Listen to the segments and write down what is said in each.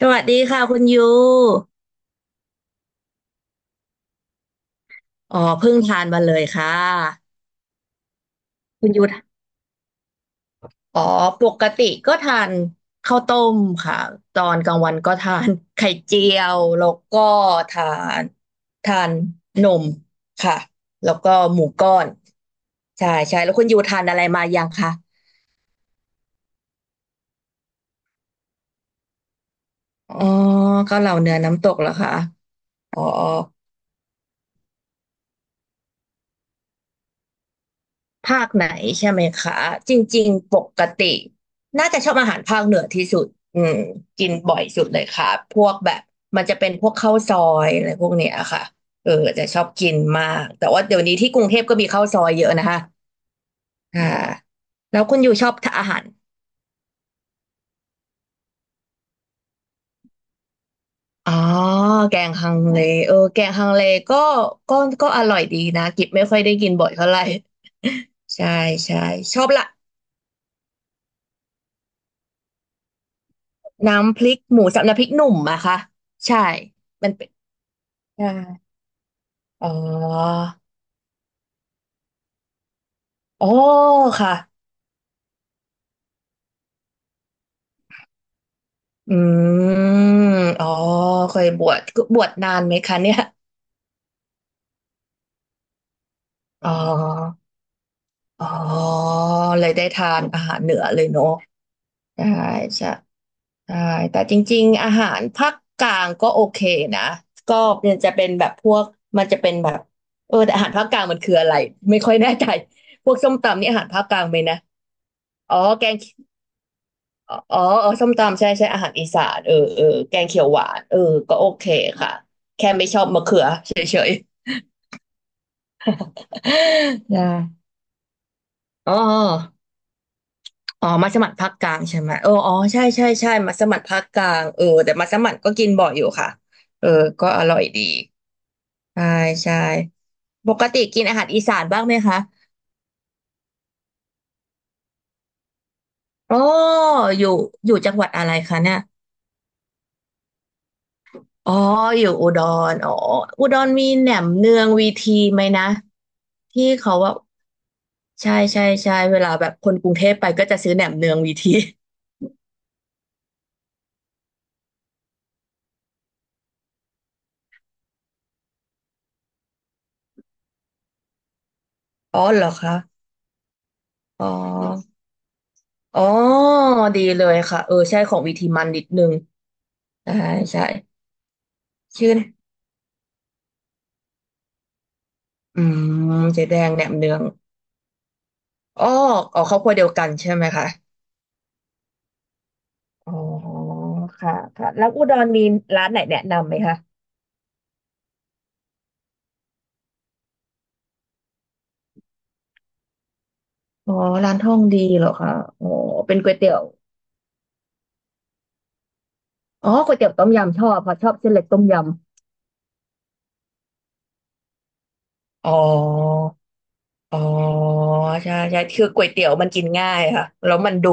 สวัสดีค่ะคุณยูอ๋อเพิ่งทานมาเลยค่ะคุณยูอ๋อปกติก็ทานข้าวต้มค่ะตอนกลางวันก็ทาน ไข่เจียวแล้วก็ทานทานนมค่ะแล้วก็หมูก้อนใช่ใช่แล้วคุณยูทานอะไรมายังคะอ๋อเก็เหล่าเนื้อน้ำตกเหรอคะอ๋อ ภาคไหนใช่ไหมคะจริงๆปกติน่าจะชอบอาหารภาคเหนือที่สุดอืมกินบ่อยสุดเลยค่ะพวกแบบมันจะเป็นพวกข้าวซอยอะไรพวกเนี้ยค่ะเออจะชอบกินมากแต่ว่าเดี๋ยวนี้ที่กรุงเทพก็มีข้าวซอยเยอะนะคะอ่าแล้วคุณอยู่ชอบทานอาหารอ๋อแกงฮังเลเออแกงฮังเลก็ก็ก็อร่อยดีนะกิบไม่ค่อยได้กินบ่อยเท่าไหร่ใช่ใช่ชอบละน้ำพริกหมูสับน้ำพริกหนุ่มอะค่ะใช่มันเป็นใช่ อ๋ออ๋อค่ะ อืมอ๋อเคยบวชบวชนานไหมคะเนี่ยอ๋ออ๋อเลยได้ทานอาหารเหนือเลยเนาะได้ใช่ใช่แต่จริงๆอาหารภาคกลางก็โอเคนะ ก็มันจะเป็นแบบพวกมันจะเป็นแบบเออแต่อาหารภาคกลางมันคืออะไรไม่ค่อยแน่ใจ พวกส้มตำนี่อาหารภาคกลางไหมนะอ๋อแกง อ๋อเออส้มตำใช่ใช่อาหารอีสานเออเออแกงเขียวหวานเออก็โอเคค่ะแค่ไม่ชอบมะเขือเฉยๆ ได้อ๋ออ๋อมัสมั่นภาคกลางใช่ไหมเอออ๋อใช่ใช่ใช่มัสมั่นภาคกลางเออแต่มัสมั่นก็กินบ่อยอยู่ค่ะเออก็อร่อยดีใช่ใช่ปกติกินอาหารอีสานบ้างไหมคะอ๋ออยู่อยู่จังหวัดอะไรคะเนี่ยอ๋ออยู่อุดรอ๋ออุดรมีแหนมเนืองวีทีไหมนะที่เขาว่า ใช่ใช่ใช่เวลาแบบคนกรุงเทพไปก็จะซื้อแหนมเนืองวีที อ๋อเหรอคะอ๋ออ๋อดีเลยค่ะเออใช่ของวีทีมันนิดนึงใช่ใช่ชื่ออืมเจ๊แดงแหนมเนืองอ๋ออ๋อครอบครัวเดียวกันใช่ไหมคะอ๋อค่ะค่ะแล้วอุดรมีร้านไหนแนะนำไหมคะอ๋อร้านท่องดีเหรอคะอ๋อเป็นก๋วยเตี๋ยวอ๋อก๋วยเตี๋ยวต้มยำชอบเพราะชอบเส้นเล็กต้มยำอ๋อ อ๋อใช่ใช่คือก๋วยเตี๋ยวมันกินง่ายค่ะแล้วมันดู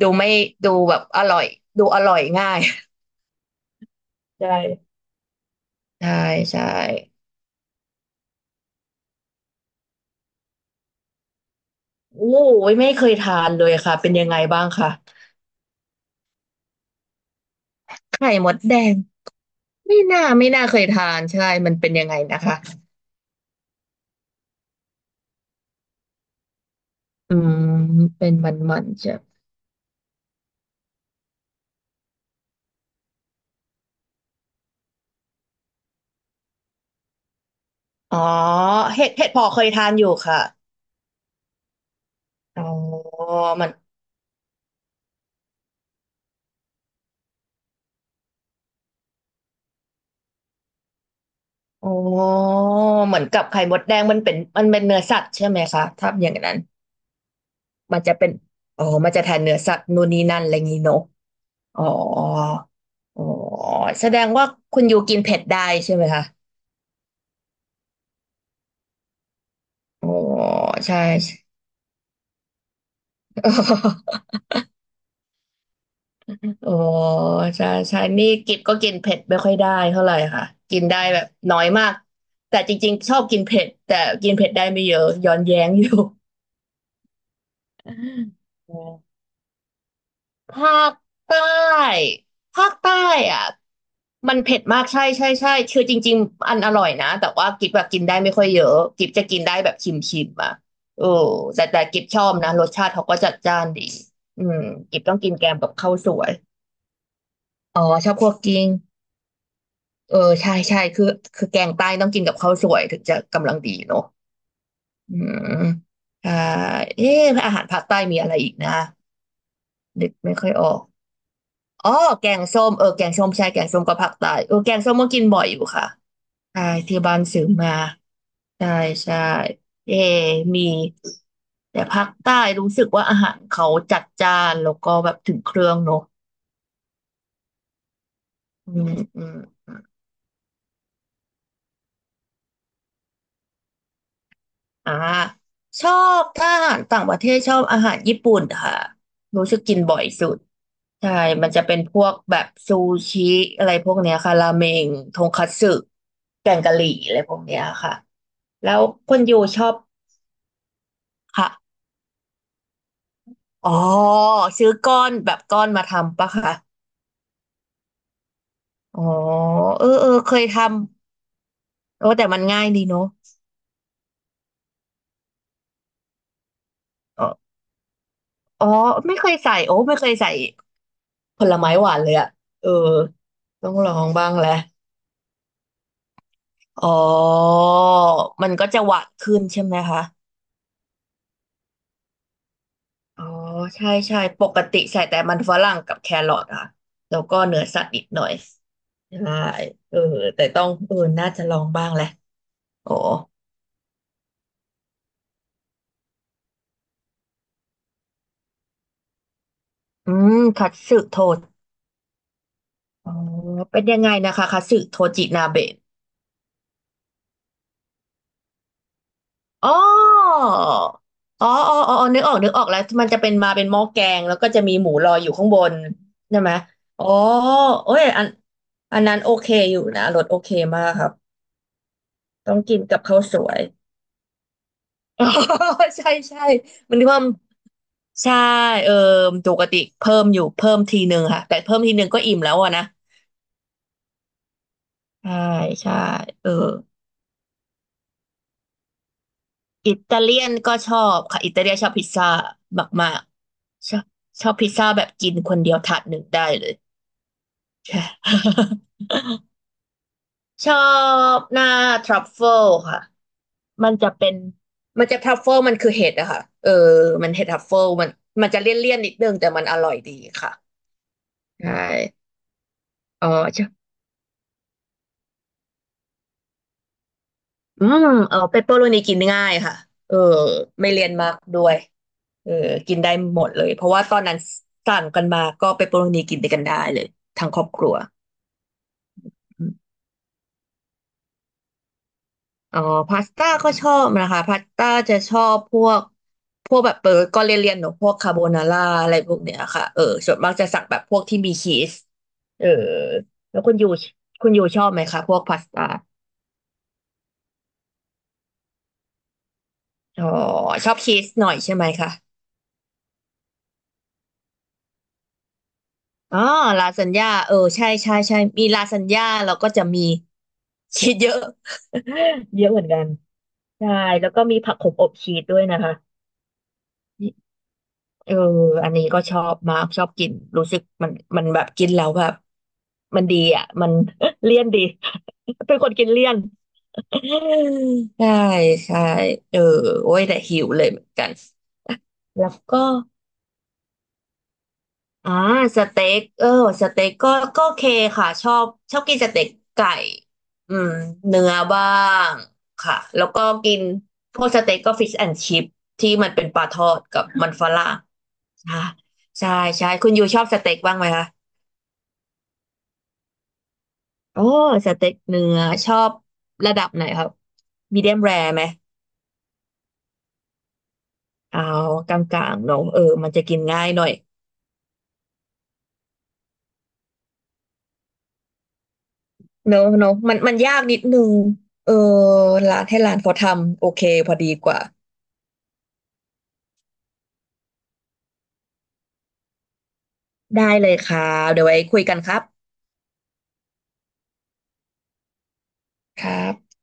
ดูไม่ดูแบบอร่อยดูอร่อยง่าย ใช่ใช่ใช่โอ้ยไม่เคยทานเลยค่ะเป็นยังไงบ้างคะไข่มดแดงไม่น่าไม่น่าเคยทานใช่มันเป็นยังไงนะคะอืมเป็นมันมันใช่อ๋อเห็ดเผาะเคยทานอยู่ค่ะอ๋อมันอ๋อเหมือนกับไข่มดแดงมันเป็นเนื้อสัตว์ใช่ไหมคะถ้าอย่างนั้น มันจะเป็นอ๋อมันจะแทนเนื้อสัตว์นู่นนี่นั่นอะไรงี้เนอะอ๋ออ๋อแสดงว่าคุณยูกินเผ็ดได้ใช่ไหมคะอ๋อใช่ อ๋อใช่ใช่นี่กิบก็กินเผ็ดไม่ค่อยได้เท่าไหร่ค่ะกินได้แบบน้อยมากแต่จริงๆชอบกินเผ็ดแต่กินเผ็ดได้ไม่เยอะย้อนแย้งอยู่ ภาคใต้ภาคใต้อ่ะมันเผ็ดมากใช่ใช่ใช่คือจริงๆอันอร่อยนะแต่ว่ากิ๊บแบบกินได้ไม่ค่อยเยอะกิ๊บจะกินได้แบบชิมชิมอ่ะเออแต่แต่กิ๊บชอบนะรสชาติเขาก็จัดจ้านดีอืมกิ๊บต้องกินแกงกับข้าวสวยอ๋อชอบคั่วกลิ้งเออใช่ใช่คือแกงใต้ต้องกินกับข้าวสวยถึงจะกำลังดีเนอะอืมอ่าเอ๊ะอาหารภาคใต้มีอะไรอีกนะนึกไม่ค่อยออก อ๋อแกงส้มเออแกงส้มใช่แกงส้มกับผักใต้เออแกงส้มก็กินบ่อยอยู่ค่ะใช่ที่บ้านซื้อมาใช่ใช่เอมีแต่ภาคใต้รู้สึกว่าอาหารเขาจัดจ้านแล้วก็แบบถึงเครื่องเนอะอืมอืม อ่าชอบถ้าอาหารต่างประเทศชอบอาหารญี่ปุ่นค่ะรู้สึกกินบ่อยสุดใช่มันจะเป็นพวกแบบซูชิอะไรพวกเนี้ยค่ะราเมงทงคัตสึแกงกะหรี่อะไรพวกเนี้ยค่ะแล้วคนณยูชอบค่ะอ๋อซื้อก้อนแบบก้อนมาทำปะคะอ๋อเออเออเคยทำโอ้แต่มันง่ายดีเนาะอ๋ออ๋อไม่เคยใส่โอ้ไม่เคยใส่ผลไม้หวานเลยอะเออต้องลองบ้างแหละ อ๋อมันก็จะหวานขึ้นใช่ไหมคะอ๋อใช่ใช่ปกติใส่แต่มันฝรั่งกับแครอทอะแล้วก็เนื้อสัตว์นิดหน่อยใช่เออแต่ต้องน่าจะลองบ้างแหละโอ้อืมคัตสึโทอ๋อเป็นยังไงนะคะคัตสึโทจินาเบะอ๋ออ๋ออ๋ออ๋อนึกออกนึกออกแล้วมันจะเป็นมาเป็นหม้อแกงแล้วก็จะมีหมูลอยอยู่ข้างบนใช่ไหมอ๋อเอ้ยอันอันนั้นโอเคอยู่นะรสโอเคมากครับ ต้องกินกับข้าวสวยอ๋อ ใช่ใช่ มันเพิ่มใช่เออปกติเพิ่มอยู่เพิ่มทีหนึ่งค่ะแต่เพิ่มทีหนึ่งก็อิ่มแล้วอะนะ ใช่ใช่เอออิตาเลียนก็ชอบค่ะอิตาเลียนชอบพิซซ่ามากๆ ชอบพิซซ่าแบบกินคนเดียวถาดหนึ่งได้เลย ใช่ ชอบหน้าทรัฟเฟิลค่ะ มันจะเป็นมันจะทรัฟเฟิลมันคือเห็ดอะค่ะเออมันเห็ดทรัฟเฟิลมันจะเลี่ยนๆนิดนึงแต่มันอร่อยดีค่ะใช่ อ๋อใช่อืมเออเปปเปอโรนีกินง่ายค่ะเออไม่เลี่ยนมากด้วยเออกินได้หมดเลยเพราะว่าตอนนั้นสั่งกันมาก็เปปเปอโรนีกินด้วยกันได้เลยทั้งครอบครัวอมอ๋อพาสต้าก็ชอบนะคะพาสต้าจะชอบพวกแบบเออก็เลี่ยนๆเนอะพวกคาโบนาร่าอะไรพวกเนี้ยค่ะเออส่วนมากจะสั่งแบบพวกที่มีชีสเออแล้วคุณยูชอบไหมคะพวกพาสต้าอ๋อชอบชีสหน่อยใช่ไหมคะ อ๋อลาซานญ่าเออใช่ใช่ใช่มีลาซานญ่าเราก็จะมีชีสเยอะ เยอะเหมือนกันใช่แล้วก็มีผักขมอบชีสด้วยนะคะเอออันนี้ก็ชอบมากชอบกินรู้สึกมันแบบกินแล้วแบบมันดีอ่ะมัน เลี่ยนดี เป็นคนกินเลี่ยน ใช่ใช่เออโอ้ยแต่หิวเลยเหมือนกันแล้วก็ อ่าสเต็กเออสเต็กก็โอเคค่ะชอบชอบกินสเต็กไก่อืมเนื้อบ้างค่ะแล้วก็กินพวกสเต็กก็ฟิชแอนด์ชิพที่มันเป็นปลาทอดกับมันฝรั่งค่ะใช่ใช่คุณยูชอบสเต็กบ้างไหมคะโอ้สเต็กเนื้อชอบระดับไหนครับมีเดียมแรร์ไหมเอากลางๆเนอะเออมันจะกินง่ายหน่อยเนอะเนอะมันยากนิดนึงเออร้านให้ร้านเขาทำโอเคพอดีกว่า ได้เลยครับเดี๋ยวไว้คุยกันครับครับ